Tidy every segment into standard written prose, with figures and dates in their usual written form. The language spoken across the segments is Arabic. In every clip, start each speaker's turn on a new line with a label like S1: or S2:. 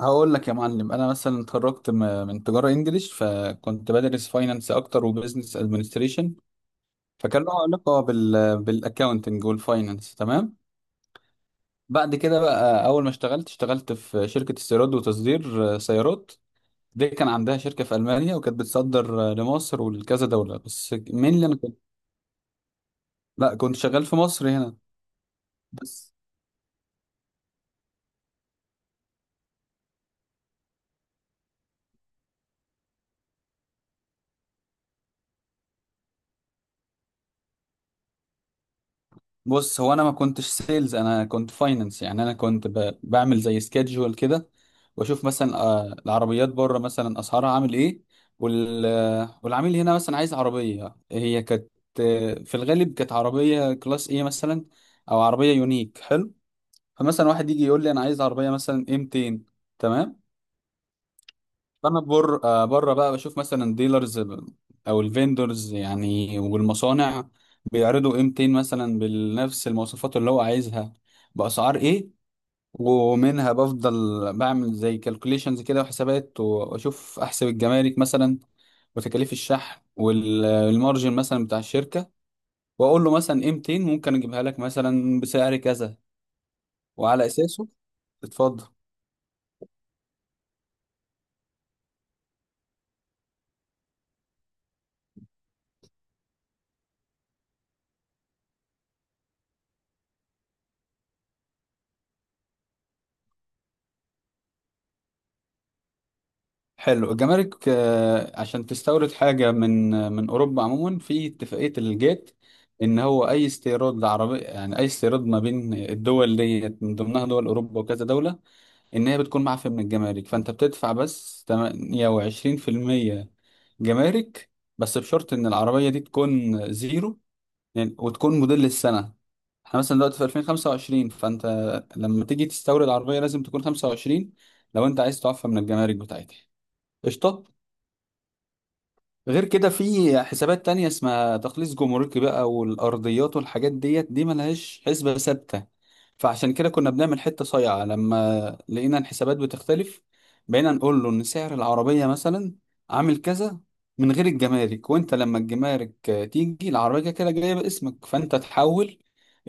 S1: هقول لك يا معلم. انا مثلا اتخرجت من تجاره انجليش، فكنت بدرس فاينانس اكتر وبزنس ادمنستريشن. فكان له علاقه بالاكاونتنج والفاينانس. تمام. بعد كده بقى، اول ما اشتغلت في شركه استيراد وتصدير، سيارات. دي كان عندها شركه في المانيا، وكانت بتصدر لمصر ولكذا دوله، بس مين اللي انا كنت. لا، كنت شغال في مصر هنا. بس. بص، هو انا ما كنتش سيلز، انا كنت فاينانس. يعني انا كنت بعمل زي سكيدجول كده، واشوف مثلا العربيات بره مثلا اسعارها عامل ايه. والعميل هنا مثلا عايز عربيه، هي كانت في الغالب كانت عربيه كلاس ايه مثلا، او عربيه يونيك. حلو. فمثلا واحد يجي يقول لي، انا عايز عربيه مثلا ايه 200. تمام. انا بر آه، بره بقى بشوف مثلا ديلرز او الفيندرز يعني، والمصانع بيعرضوا قيمتين مثلا بنفس المواصفات اللي هو عايزها، باسعار ايه. ومنها بفضل بعمل زي كالكوليشنز كده وحسابات، واشوف احسب الجمارك مثلا، وتكاليف الشحن والمارجن مثلا بتاع الشركه، واقول له مثلا قيمتين ممكن اجيبها لك مثلا بسعر كذا، وعلى اساسه. اتفضل. حلو. الجمارك عشان تستورد حاجة من أوروبا عموما، في اتفاقية الجيت، إن هو أي استيراد عربي، يعني أي استيراد ما بين الدول ديت، من ضمنها دول أوروبا وكذا دولة، إن هي بتكون معفية من الجمارك، فأنت بتدفع بس 28% جمارك. بس بشرط إن العربية دي تكون زيرو، يعني وتكون موديل السنة. احنا مثلا دلوقتي في 2025، فأنت لما تيجي تستورد عربية لازم تكون 25، لو أنت عايز تعفى من الجمارك بتاعتها. قشطة. غير كده، في حسابات تانية اسمها تخليص جمركي بقى، والأرضيات والحاجات ديت، دي ملهاش حسبة ثابتة. فعشان كده كنا بنعمل حتة صايعة، لما لقينا الحسابات بتختلف، بقينا نقول له إن سعر العربية مثلا عامل كذا من غير الجمارك، وأنت لما الجمارك تيجي، العربية كده كده جاية باسمك، فأنت تحول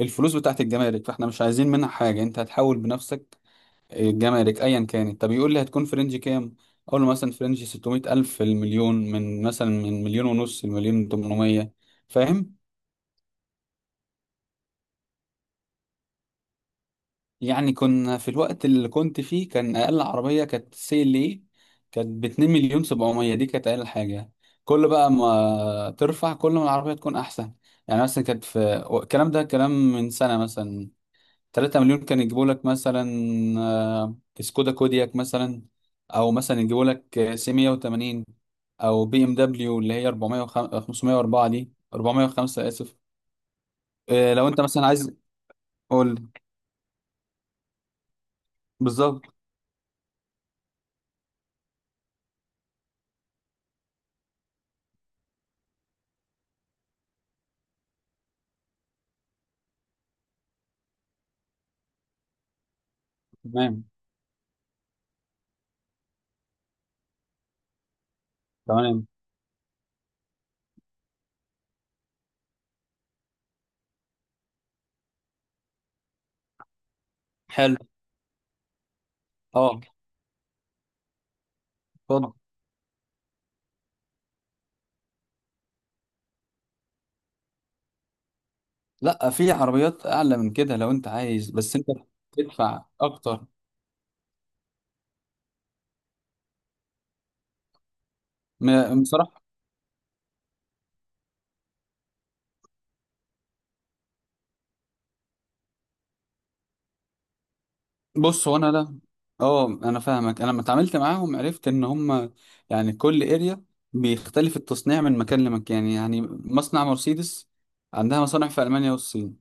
S1: الفلوس بتاعت الجمارك، فاحنا مش عايزين منها حاجة، أنت هتحول بنفسك الجمارك ايا كانت. طب يقول لي، هتكون في رينج كام؟ اقول له مثلا في رينج 600 الف المليون، من مثلا من مليون ونص لمليون 800. فاهم. يعني كنا في الوقت اللي كنت فيه، كان اقل عربيه كانت سي ال اي، كانت ب 2 مليون 700، دي كانت اقل حاجه. كل بقى ما ترفع، كل ما العربيه تكون احسن. يعني مثلا كانت في، الكلام ده كلام من سنه، مثلا 3 مليون كان يجيبوا لك مثلا آه، سكودا كودياك مثلا، او مثلا يجيبوا لك سي 180، او بي ام دبليو اللي هي 400 504، دي 405 اسف. لو انت مثلا عايز، قول لي. بالظبط. تمام. تمام. حلو. اه، اتفضل. لا، في عربيات اعلى من كده لو انت عايز، بس انت تدفع اكتر. بصراحه، بص، هو انا، لا، اه، انا فاهمك. انا لما اتعاملت معاهم، عرفت ان هم يعني كل اريا بيختلف التصنيع من مكان لمكان. يعني مصنع مرسيدس عندها مصانع في المانيا والصين،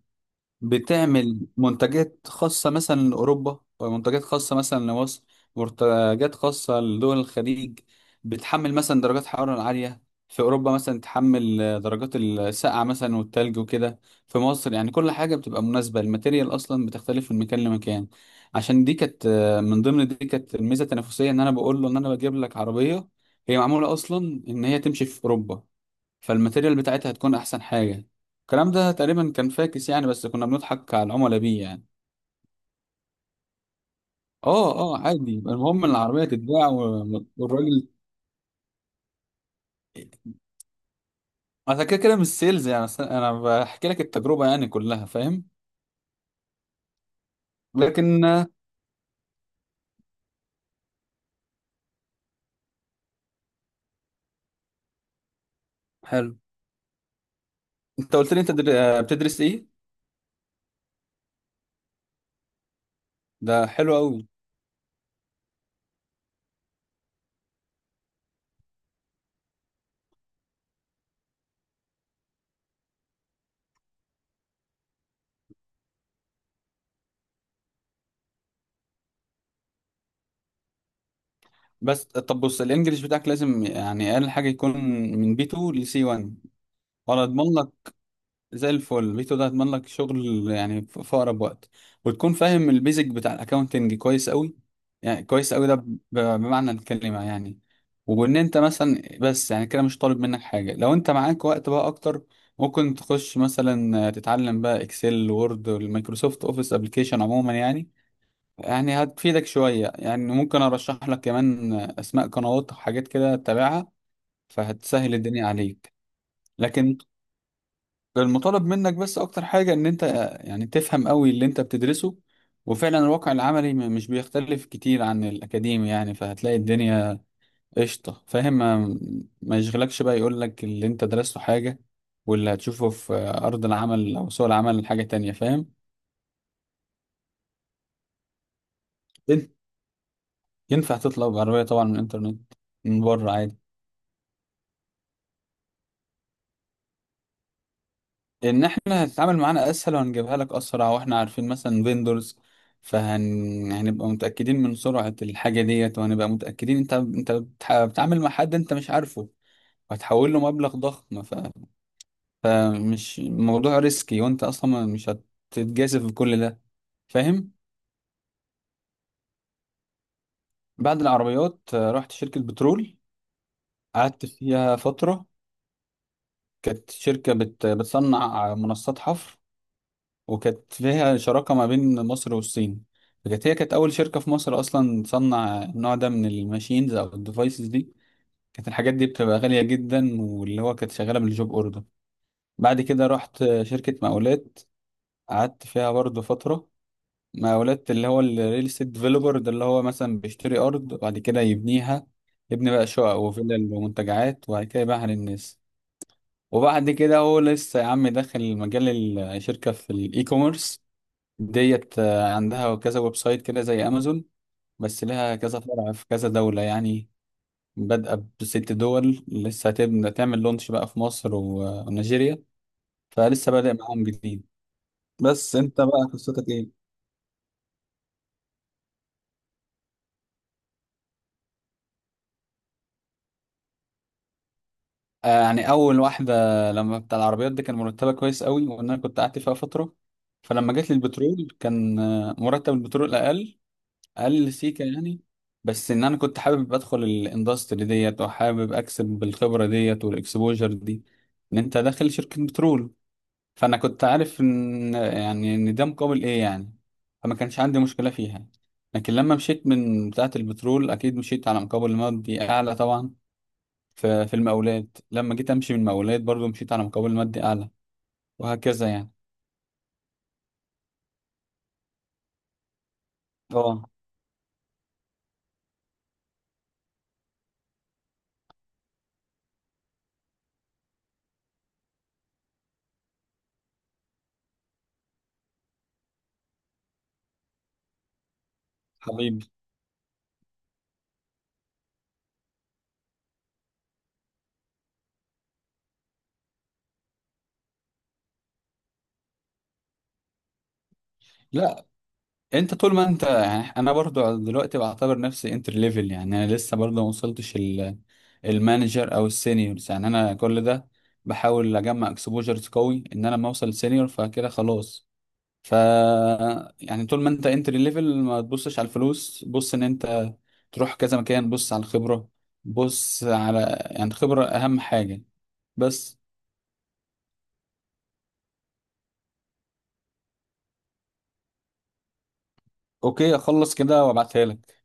S1: بتعمل منتجات خاصة مثلا لأوروبا، ومنتجات خاصة مثلا لمصر، منتجات خاصة لدول الخليج، بتحمل مثلا درجات الحرارة العالية. في أوروبا مثلا تحمل درجات السقعة مثلا والتلج وكده. في مصر يعني كل حاجة بتبقى مناسبة، الماتيريال أصلا بتختلف من مكان لمكان. عشان دي كانت من ضمن، دي كانت الميزة التنافسية، إن أنا بقول له إن أنا بجيب لك عربية هي معمولة أصلا إن هي تمشي في أوروبا، فالماتيريال بتاعتها هتكون احسن حاجه. الكلام ده تقريبا كان فاكس يعني، بس كنا بنضحك على العملاء بيه يعني. اه اه، عادي، المهم إن العربيه تتباع والراجل. انا كده كده مش سيلز يعني، أصل انا بحكي لك التجربه يعني كلها. فاهم. لكن حلو. انت قلت لي انت بتدرس ايه؟ ده حلو قوي. بس طب، بص الانجليش بتاعك لازم يعني اقل حاجه يكون من بي 2 لسي 1، ولا اضمن زي الفل فيتو ده، هتضمن لك شغل يعني في اقرب وقت. وتكون فاهم البيزك بتاع الاكاونتنج كويس قوي، يعني كويس قوي ده بمعنى الكلمه يعني. وان انت مثلا، بس يعني كده مش طالب منك حاجه، لو انت معاك وقت بقى اكتر، ممكن تخش مثلا تتعلم بقى اكسل وورد والمايكروسوفت اوفيس ابلكيشن عموما يعني، يعني هتفيدك شويه يعني. ممكن ارشح لك كمان اسماء قنوات وحاجات كده تتابعها، فهتسهل الدنيا عليك. لكن المطالب منك بس اكتر حاجة، ان انت يعني تفهم قوي اللي انت بتدرسه. وفعلا الواقع العملي مش بيختلف كتير عن الاكاديمي يعني، فهتلاقي الدنيا قشطة. فاهم. ما يشغلكش بقى يقول لك اللي انت درسته حاجة واللي هتشوفه في ارض العمل او سوق العمل حاجة تانية. فاهم. ين- ينفع تطلب عربية طبعا من الانترنت، من بره عادي. ان احنا هتتعامل معانا اسهل، وهنجيبها لك اسرع، واحنا عارفين مثلا فيندورز، هنبقى متاكدين من سرعه الحاجه ديت، وهنبقى متاكدين انت بتتعامل مع حد انت مش عارفه، وهتحول له مبلغ ضخم فمش موضوع ريسكي، وانت اصلا مش هتتجازف بكل ده. فاهم. بعد العربيات رحت شركه بترول، قعدت فيها فتره. كانت شركه بتصنع منصات حفر، وكانت فيها شراكة ما بين مصر والصين. فكانت، هي كانت أول شركة في مصر أصلا تصنع النوع ده من الماشينز أو الديفايسز دي، كانت الحاجات دي بتبقى غالية جدا، واللي هو كانت شغالة بالجوب أوردر. بعد كده رحت شركة مقاولات، قعدت فيها برضه فترة. مقاولات اللي هو الريل استيت ديفلوبر ده، اللي هو مثلا بيشتري أرض وبعد كده يبنيها، يبني بقى شقق وفلل ومنتجعات، وبعد كده يبيعها للناس. وبعد كده، هو لسه يا عم داخل مجال الشركة في الإي كوميرس ديت، عندها كذا ويب سايت كده زي امازون، بس لها كذا فرع في كذا دولة يعني، بادئة بست دول لسه هتبدأ تعمل لونش بقى في مصر ونيجيريا، فلسه بادئ معاهم جديد. بس انت بقى قصتك ايه؟ آه، يعني اول واحدة لما بتاع العربيات دي، كان مرتبها كويس قوي، وان انا كنت قعدت فيها فترة. فلما جيت للبترول، كان مرتب البترول اقل، اقل سيكه يعني. بس ان انا كنت حابب ادخل الاندستري ديت، وحابب اكسب بالخبره ديت والاكسبوجر دي، ان انت داخل شركه بترول، فانا كنت عارف ان يعني ان ده مقابل ايه يعني. فما كانش عندي مشكله فيها. لكن لما مشيت من بتاعه البترول، اكيد مشيت على مقابل مادي اعلى طبعا. في المقاولات، لما جيت امشي من المقاولات برضو مشيت على مقابل مادي اعلى، وهكذا يعني. اه. حبيبي. لا، انت طول ما انت يعني، انا برضو دلوقتي بعتبر نفسي انتر ليفل، يعني انا لسه برضو ما وصلتش المانجر او السينيورز، يعني انا كل ده بحاول اجمع اكسبوجرز قوي، ان انا لما اوصل سينيور فكده خلاص. ف، يعني طول ما انت انتر ليفل ما تبصش على الفلوس، بص ان انت تروح كذا مكان، بص على الخبرة، بص على يعني خبرة اهم حاجة. بس. اوكي، اخلص كده وابعتها لك.